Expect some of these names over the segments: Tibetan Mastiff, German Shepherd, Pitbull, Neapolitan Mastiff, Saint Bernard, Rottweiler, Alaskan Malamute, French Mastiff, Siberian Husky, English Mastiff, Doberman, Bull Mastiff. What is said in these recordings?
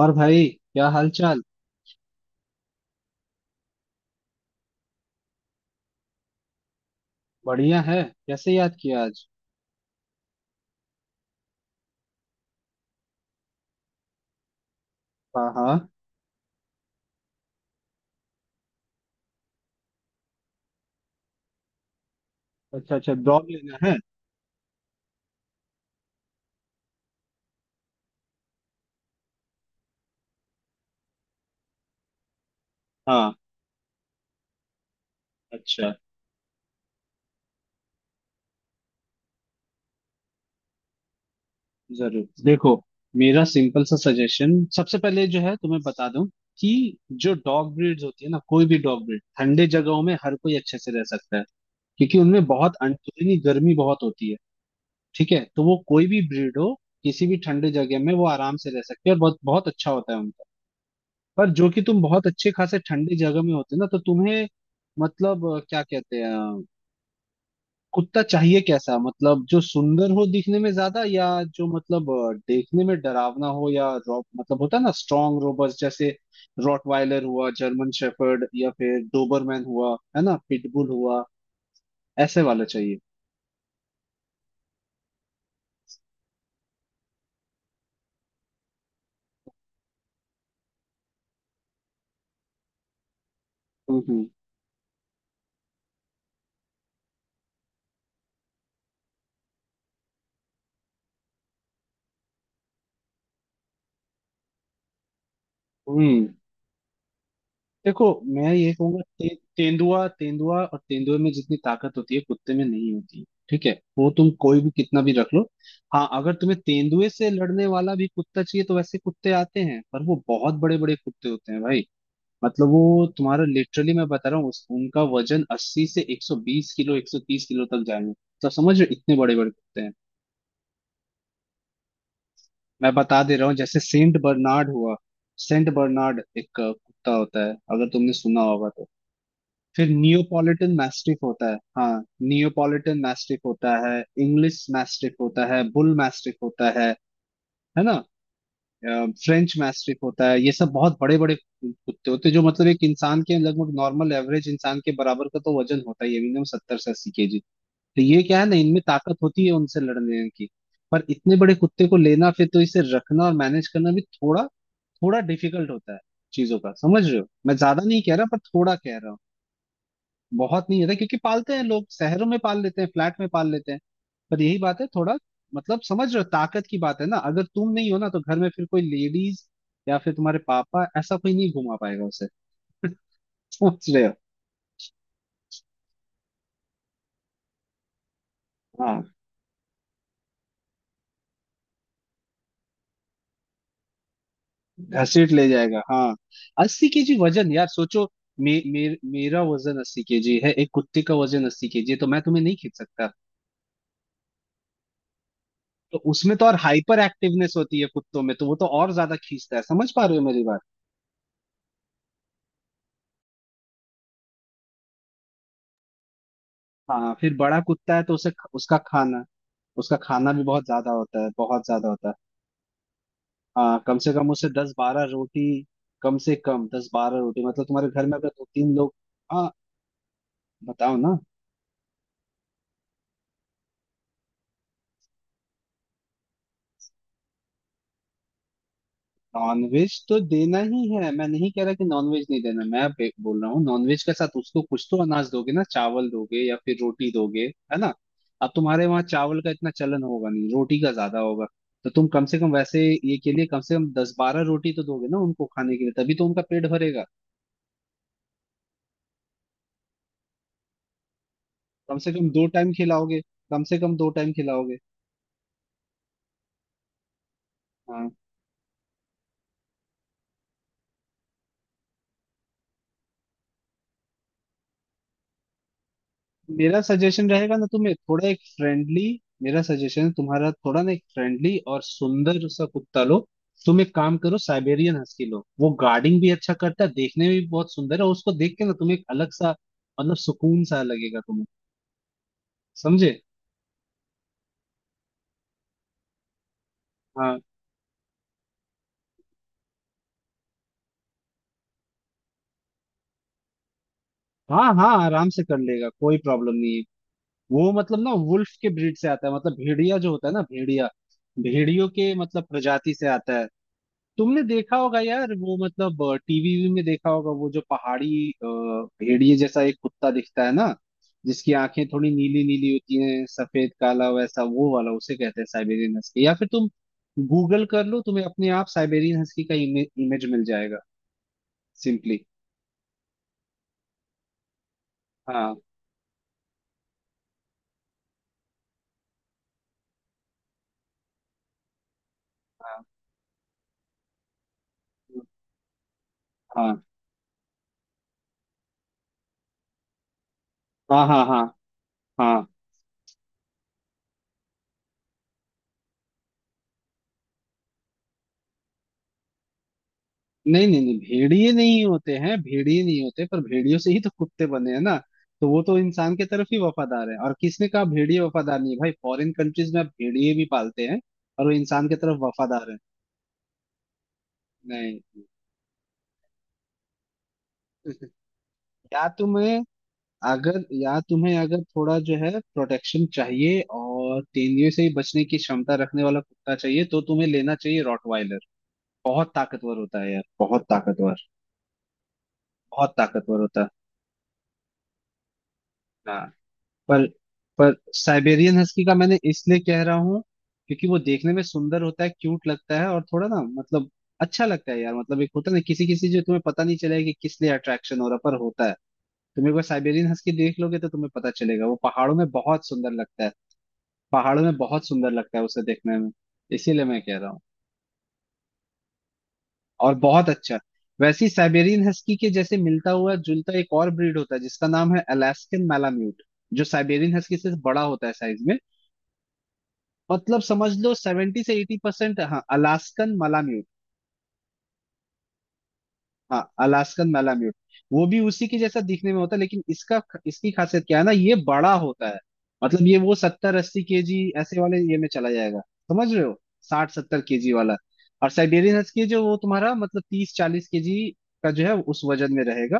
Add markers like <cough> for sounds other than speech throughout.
और भाई, क्या हाल चाल? बढ़िया है। कैसे याद किया आज? हाँ हाँ। अच्छा, अच्छा ब्लॉग लेना है। हाँ, अच्छा, जरूर देखो। मेरा सिंपल सा सजेशन सबसे पहले जो है तुम्हें बता दूं कि जो डॉग ब्रीड्स होती है ना, कोई भी डॉग ब्रीड ठंडे जगहों में हर कोई अच्छे से रह सकता है, क्योंकि उनमें बहुत अंदरूनी गर्मी बहुत होती है। ठीक है, तो वो कोई भी ब्रीड हो, किसी भी ठंडे जगह में वो आराम से रह सकती है और बहुत बहुत अच्छा होता है उनका। पर जो कि तुम बहुत अच्छे खासे ठंडी जगह में होते ना, तो तुम्हें मतलब क्या कहते हैं कुत्ता चाहिए कैसा, मतलब जो सुंदर हो दिखने में ज्यादा, या जो मतलब देखने में डरावना हो, या मतलब होता है ना स्ट्रॉन्ग रोबस्ट, जैसे रॉटवाइलर हुआ, जर्मन शेफर्ड, या फिर डोबरमैन हुआ, है ना, पिटबुल हुआ, ऐसे वाला चाहिए। हम्म हम्म हम्म। देखो, मैं ये कहूंगा तेंदुआ तेंदुआ और तेंदुए में जितनी ताकत होती है कुत्ते में नहीं होती। ठीक है, वो तुम कोई भी कितना भी रख लो। हाँ, अगर तुम्हें तेंदुए से लड़ने वाला भी कुत्ता चाहिए तो वैसे कुत्ते आते हैं, पर वो बहुत बड़े बड़े कुत्ते होते हैं भाई। मतलब वो तुम्हारा लिटरली मैं बता रहा हूँ, उनका वजन 80 से 120 किलो, 130 किलो तक जाएंगे। तो समझ रहे हो, इतने बड़े बड़े कुत्ते हैं। मैं बता दे रहा हूँ, जैसे सेंट बर्नार्ड हुआ। सेंट बर्नार्ड एक कुत्ता होता है, अगर तुमने सुना होगा तो। फिर नियोपॉलिटन मैस्टिफ होता है, हाँ। नियोपॉलिटन मैस्टिफ होता है, इंग्लिश मैस्टिफ होता है, बुल मैस्टिफ होता है ना, फ्रेंच मैस्टिफ होता है। ये सब बहुत बड़े बड़े कुत्ते होते हैं, जो मतलब एक इंसान के लगभग, नॉर्मल एवरेज इंसान के बराबर का तो वजन होता है, ये मिनिमम 70 से 80 केजी। तो ये क्या है ना, इनमें ताकत होती है उनसे लड़ने की। पर इतने बड़े कुत्ते को लेना, फिर तो इसे रखना और मैनेज करना भी थोड़ा, थोड़ा डिफिकल्ट होता है चीजों का। समझ रहे हो, मैं ज्यादा नहीं कह रहा, पर थोड़ा कह रहा हूँ। बहुत नहीं होता, क्योंकि पालते हैं लोग शहरों में, पाल लेते हैं फ्लैट में पाल लेते हैं, पर यही बात है थोड़ा। मतलब समझ रहे हो, ताकत की बात है ना, अगर तुम नहीं हो ना तो घर में फिर कोई लेडीज या फिर तुम्हारे पापा, ऐसा कोई नहीं घुमा पाएगा उसे। <laughs> समझ रहे हो। हाँ, घसीट ले जाएगा हाँ। अस्सी केजी वजन यार, सोचो। मे, मे, मेरा वजन 80 केजी है, एक कुत्ते का वजन 80 केजी है, तो मैं तुम्हें नहीं खींच सकता। तो उसमें तो और हाइपर एक्टिवनेस होती है कुत्तों में, तो वो तो और ज्यादा खींचता है। समझ पा रहे हो मेरी बात? हाँ, फिर बड़ा कुत्ता है तो उसे उसका खाना उसका खाना भी बहुत ज्यादा होता है, बहुत ज्यादा होता है। हाँ, कम से कम उसे 10 12 रोटी, कम से कम 10 12 रोटी, मतलब तुम्हारे घर में अगर 2 3 लोग। हाँ, बताओ ना। नॉनवेज तो देना ही है, मैं नहीं कह रहा कि नॉनवेज नहीं देना। मैं बोल रहा हूँ नॉनवेज के साथ उसको कुछ तो अनाज दोगे ना, चावल दोगे या फिर रोटी दोगे, है ना। अब तुम्हारे वहाँ चावल का इतना चलन होगा नहीं, रोटी का ज्यादा होगा। तो तुम कम से कम वैसे ये के लिए कम से कम दस बारह रोटी तो दोगे ना उनको खाने के लिए, तभी तो उनका पेट भरेगा। कम से कम दो टाइम खिलाओगे, कम से कम दो टाइम खिलाओगे। हाँ, मेरा सजेशन रहेगा ना तुम्हें थोड़ा एक फ्रेंडली, मेरा सजेशन तुम्हारा थोड़ा ना एक फ्रेंडली और सुंदर सा कुत्ता लो। तुम एक काम करो, साइबेरियन हस्की लो। वो गार्डिंग भी अच्छा करता है, देखने में भी बहुत सुंदर है, और उसको देख के ना तुम्हें एक अलग सा मतलब सुकून सा लगेगा तुम्हें। समझे? हाँ हाँ हाँ, आराम से कर लेगा, कोई प्रॉब्लम नहीं है। वो मतलब ना वुल्फ के ब्रीड से आता है, मतलब भेड़िया जो होता है ना भेड़िया, भेड़ियों के मतलब प्रजाति से आता है। तुमने देखा होगा यार, वो मतलब टीवी में देखा होगा, वो जो पहाड़ी भेड़िए जैसा एक कुत्ता दिखता है ना, जिसकी आंखें थोड़ी नीली नीली होती हैं, सफेद काला वैसा, वो वाला। उसे कहते हैं साइबेरियन हस्की, या फिर तुम गूगल कर लो, तुम्हें अपने आप साइबेरियन हस्की का इमेज मिल जाएगा सिंपली। हाँ हाँ हाँ हाँ हाँ हाँ हाँ। नहीं नहीं नहीं, भेड़िए नहीं होते हैं, भेड़िए नहीं होते, पर भेड़ियों से ही तो कुत्ते बने हैं ना। तो वो तो इंसान के तरफ ही वफादार है। और किसने कहा भेड़िए वफादार नहीं है भाई, फॉरेन कंट्रीज में आप भेड़िए भी पालते हैं, और वो इंसान के तरफ वफादार है। नहीं, या तुम्हें अगर, या तुम्हें अगर थोड़ा जो है प्रोटेक्शन चाहिए और तेंदुए से ही बचने की क्षमता रखने वाला कुत्ता चाहिए, तो तुम्हें लेना चाहिए रॉटवाइलर। बहुत ताकतवर होता है यार, बहुत ताकतवर, बहुत ताकतवर होता है हाँ। पर पर साइबेरियन हस्की का मैंने इसलिए कह रहा हूँ, क्योंकि वो देखने में सुंदर होता है, क्यूट लगता है, और थोड़ा ना मतलब अच्छा लगता है यार। मतलब एक होता है ना, किसी किसी जो तुम्हें पता नहीं चलेगा कि किस लिए अट्रैक्शन हो रहा, पर होता है। तुम एक बार साइबेरियन हस्की देख लोगे तो तुम्हें पता चलेगा, वो पहाड़ों में बहुत सुंदर लगता है। पहाड़ों में बहुत सुंदर लगता है उसे देखने में, इसीलिए मैं कह रहा हूँ। और बहुत अच्छा, वैसे ही साइबेरियन हस्की के जैसे मिलता हुआ जुलता एक और ब्रीड होता है जिसका नाम है अलास्कन मैलाम्यूट। जो साइबेरियन हस्की से बड़ा होता है साइज में, मतलब समझ लो 70 से 80%। हाँ, अलास्कन मलाम्यूट। हाँ, अलास्कन मलाम्यूट वो भी उसी के जैसा दिखने में होता है, लेकिन इसका, इसकी खासियत क्या है ना, ये बड़ा होता है। मतलब ये वो 70 80 केजी ऐसे वाले ये में चला जाएगा, समझ रहे हो, 60 70 केजी वाला। और साइबेरियन हस्की जो वो तुम्हारा मतलब 30 40 केजी का जो है उस वजन में रहेगा।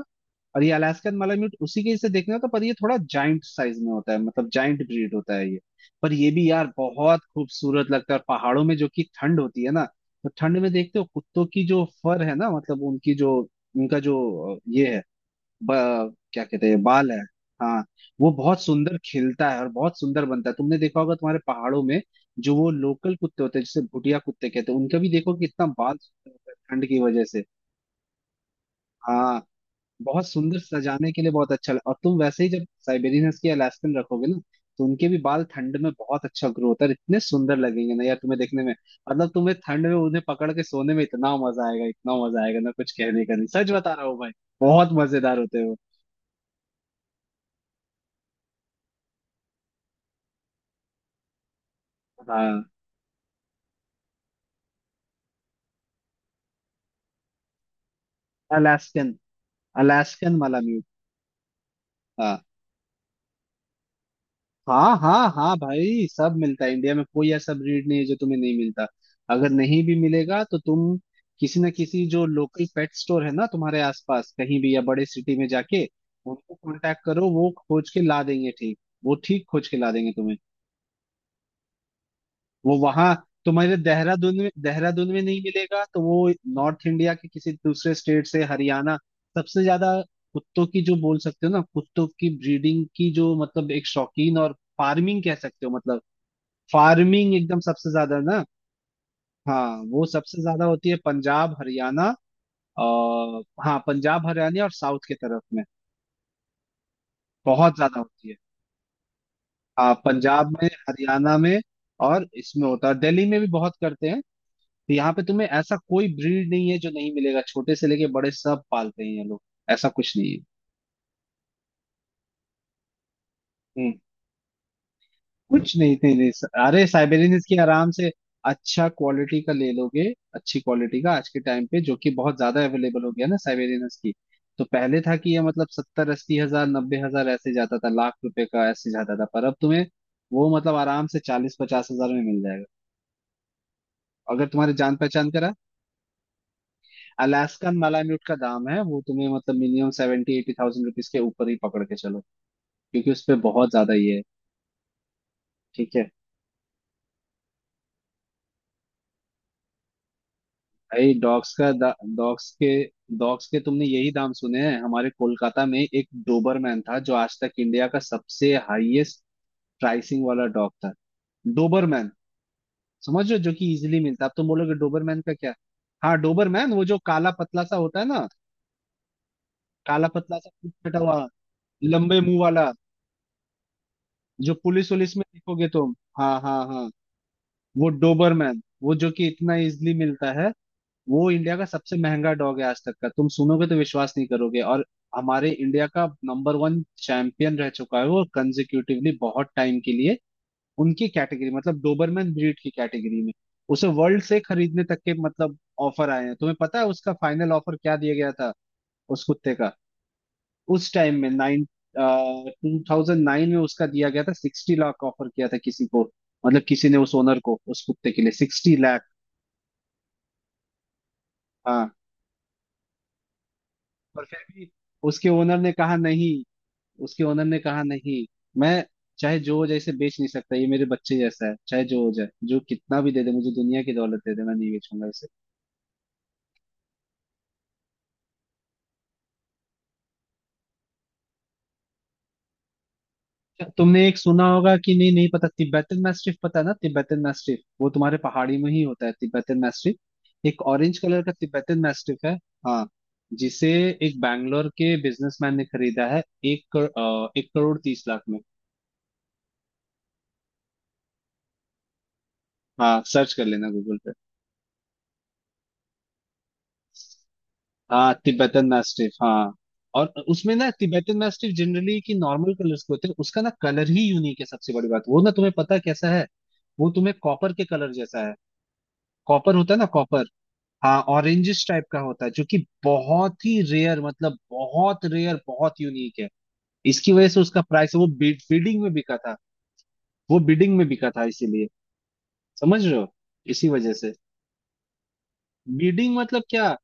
और ये अलास्कन मालाम्यूट उसी के से देखने होता है, पर ये थोड़ा जाइंट साइज में होता है, मतलब जाइंट ब्रीड होता है ये। पर ये भी यार बहुत खूबसूरत लगता है, और पहाड़ों में जो कि ठंड होती है ना, तो ठंड में देखते हो कुत्तों की जो फर है ना, मतलब उनकी जो, उनका जो ये है, क्या कहते हैं, बाल है हाँ, वो बहुत सुंदर खिलता है और बहुत सुंदर बनता है। तुमने देखा होगा तुम्हारे पहाड़ों में जो वो लोकल कुत्ते होते हैं, जिसे भुटिया कुत्ते कहते हैं, उनका भी देखो कि इतना बाल सुंदर होता है ठंड की वजह से। हाँ, बहुत सुंदर सजाने के लिए बहुत अच्छा और तुम वैसे ही जब साइबेरियन हस्की अलास्कन रखोगे ना, तो उनके भी बाल ठंड में बहुत अच्छा ग्रो होता है, और इतने सुंदर लगेंगे ना यार तुम्हें देखने में। मतलब तुम्हें ठंड में उन्हें पकड़ के सोने में इतना मजा आएगा, इतना मजा आएगा ना, कुछ कहने का नहीं, सच बता रहा हूँ भाई, बहुत मजेदार होते हो। हाँ, अलास्कन, अलास्कन माला म्यूट। हाँ हाँ हाँ भाई, सब मिलता है इंडिया में, कोई ऐसा ब्रीड नहीं है जो तुम्हें नहीं मिलता। अगर नहीं भी मिलेगा तो तुम किसी ना किसी जो लोकल पेट स्टोर है ना तुम्हारे आसपास कहीं भी, या बड़े सिटी में जाके उनको कांटेक्ट करो, वो खोज के ला देंगे, ठीक, वो ठीक खोज के ला देंगे तुम्हें। वो वहां, तुम्हारे देहरादून में, देहरादून में नहीं मिलेगा तो वो नॉर्थ इंडिया के किसी दूसरे स्टेट से, हरियाणा सबसे ज्यादा, कुत्तों की जो बोल सकते हो ना, कुत्तों की ब्रीडिंग की जो मतलब एक शौकीन, और फार्मिंग कह सकते हो, मतलब फार्मिंग एकदम सबसे ज्यादा ना। हाँ, वो सबसे ज्यादा होती है पंजाब हरियाणा, और हाँ, पंजाब हरियाणा और साउथ के तरफ में बहुत ज्यादा होती है। हाँ, पंजाब में, हरियाणा में, और इसमें होता है दिल्ली में भी बहुत करते हैं। तो यहाँ पे तुम्हें ऐसा कोई ब्रीड नहीं है जो नहीं मिलेगा, छोटे से लेके बड़े सब पालते हैं ये लोग, ऐसा कुछ नहीं है। हम्म। कुछ नहीं थे ले, अरे साइबेरियन की आराम से अच्छा क्वालिटी का ले लोगे, अच्छी क्वालिटी का आज के टाइम पे जो कि बहुत ज्यादा अवेलेबल हो गया ना साइबेरियन की। तो पहले था कि ये मतलब 70 80 हजार, 90 हजार ऐसे जाता था, लाख रुपए का ऐसे जाता था, पर अब तुम्हें वो मतलब आराम से 40 50 हजार में मिल जाएगा, अगर तुम्हारे जान पहचान करा। अलास्कन मालाम्यूट का दाम है वो तुम्हें मतलब मिनिमम 70 80 thousand rupees के ऊपर ही पकड़ के चलो, क्योंकि उस पे बहुत ज्यादा ये है। ठीक है। भाई डॉग्स के डॉग्स के तुमने यही दाम सुने हैं? हमारे कोलकाता में एक डोबरमैन था जो आज तक इंडिया का सबसे हाईएस्ट प्राइसिंग वाला डॉग था। डोबरमैन, समझ रहे हो, जो कि इजीली मिलता है। अब तुम बोलोगे डोबरमैन का क्या? हाँ, डोबरमैन, वो जो काला पतला सा होता है ना, काला पतला सा, पूंछ कटा हुआ, लंबे मुंह वाला, जो पुलिस वुलिस में देखोगे तुम। हाँ हाँ हाँ। वो डोबरमैन, वो जो कि इतना इजीली मिलता है, वो इंडिया का सबसे महंगा डॉग है आज तक का, तुम सुनोगे तो विश्वास नहीं करोगे। और हमारे इंडिया का नंबर वन चैंपियन रह चुका है वो, कंजिक्यूटिवली बहुत टाइम के लिए, उनकी कैटेगरी मतलब डोबरमैन ब्रीड की कैटेगरी में। उसे वर्ल्ड से खरीदने तक के मतलब ऑफर आए हैं। तुम्हें पता है उसका फाइनल ऑफर क्या दिया गया था उस कुत्ते का? उस टाइम में नाइन 2009 में उसका दिया गया था, 60 लाख ऑफर किया था किसी को, मतलब किसी ने उस ओनर को उस कुत्ते के लिए 60 लाख। हाँ, पर फिर भी उसके ओनर ने कहा नहीं, उसके ओनर ने कहा नहीं, मैं चाहे जो हो जाए इसे बेच नहीं सकता, ये मेरे बच्चे जैसा है, चाहे जो हो जाए, जो कितना भी दे दे, मुझे दुनिया की दौलत दे दे, मैं नहीं बेचूंगा इसे। क्या तुमने एक सुना होगा कि, नहीं नहीं पता, तिब्बतन मैस्टिफ पता है ना, तिब्बतन मैस्टिफ, वो तुम्हारे पहाड़ी में ही होता है तिब्बतन मैस्टिफ, एक ऑरेंज कलर का तिब्बतन मैस्टिफ है, हाँ, जिसे एक बैंगलोर के बिजनेसमैन ने खरीदा है एक करोड़, 1 करोड़ 30 लाख में। हाँ, सर्च कर लेना गूगल पे। हाँ, तिब्बतन मैस्टिफ हाँ। और उसमें ना, तिब्बतन मैस्टिफ जनरली की नॉर्मल कलर्स के होते हैं, उसका ना कलर ही यूनिक है सबसे बड़ी बात, वो ना तुम्हें पता है कैसा है, वो तुम्हें कॉपर के कलर जैसा है, कॉपर होता है ना कॉपर, हाँ, ऑरेंजिश टाइप का होता है, जो कि बहुत ही रेयर, मतलब बहुत रेयर, बहुत यूनिक है। इसकी वजह से उसका प्राइस, वो बिडिंग में बिका था, वो बिडिंग में बिका था, इसीलिए, समझ रहे हो, इसी वजह से। बिडिंग मतलब क्या,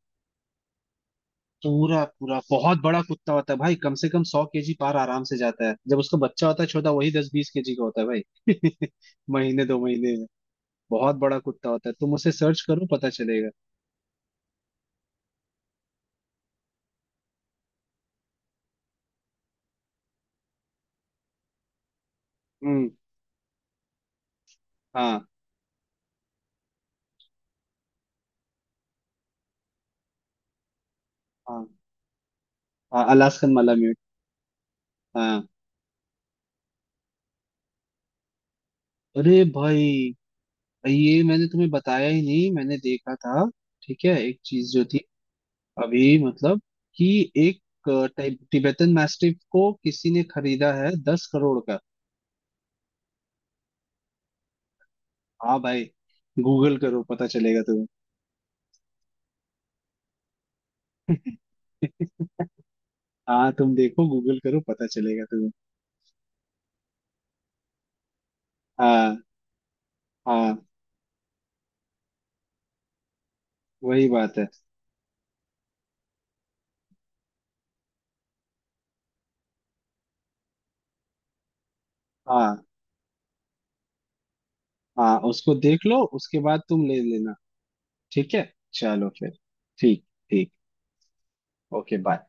पूरा पूरा बहुत बड़ा कुत्ता होता है भाई, कम से कम 100 केजी पार आराम से जाता है, जब उसका बच्चा होता है छोटा वही 10 20 केजी का होता है भाई <laughs> महीने दो महीने में। बहुत बड़ा कुत्ता होता है, तुम उसे सर्च करो पता चलेगा। हम्म, हाँ हाँ हाँ, अलास्कन मालाम्यूट हाँ। अरे भाई, ये मैंने तुम्हें बताया ही नहीं, मैंने देखा था, ठीक है, एक चीज जो थी अभी, मतलब कि, एक टाइप टिबेटन मैस्टिफ को किसी ने खरीदा है 10 करोड़ का। हाँ भाई, गूगल करो पता चलेगा। हाँ, तुम देखो गूगल करो पता चलेगा तुम्हें। हाँ हाँ, वही बात है। हाँ हाँ, उसको देख लो उसके बाद तुम ले लेना। ठीक है, चलो फिर। ठीक। ठीक। Okay bye.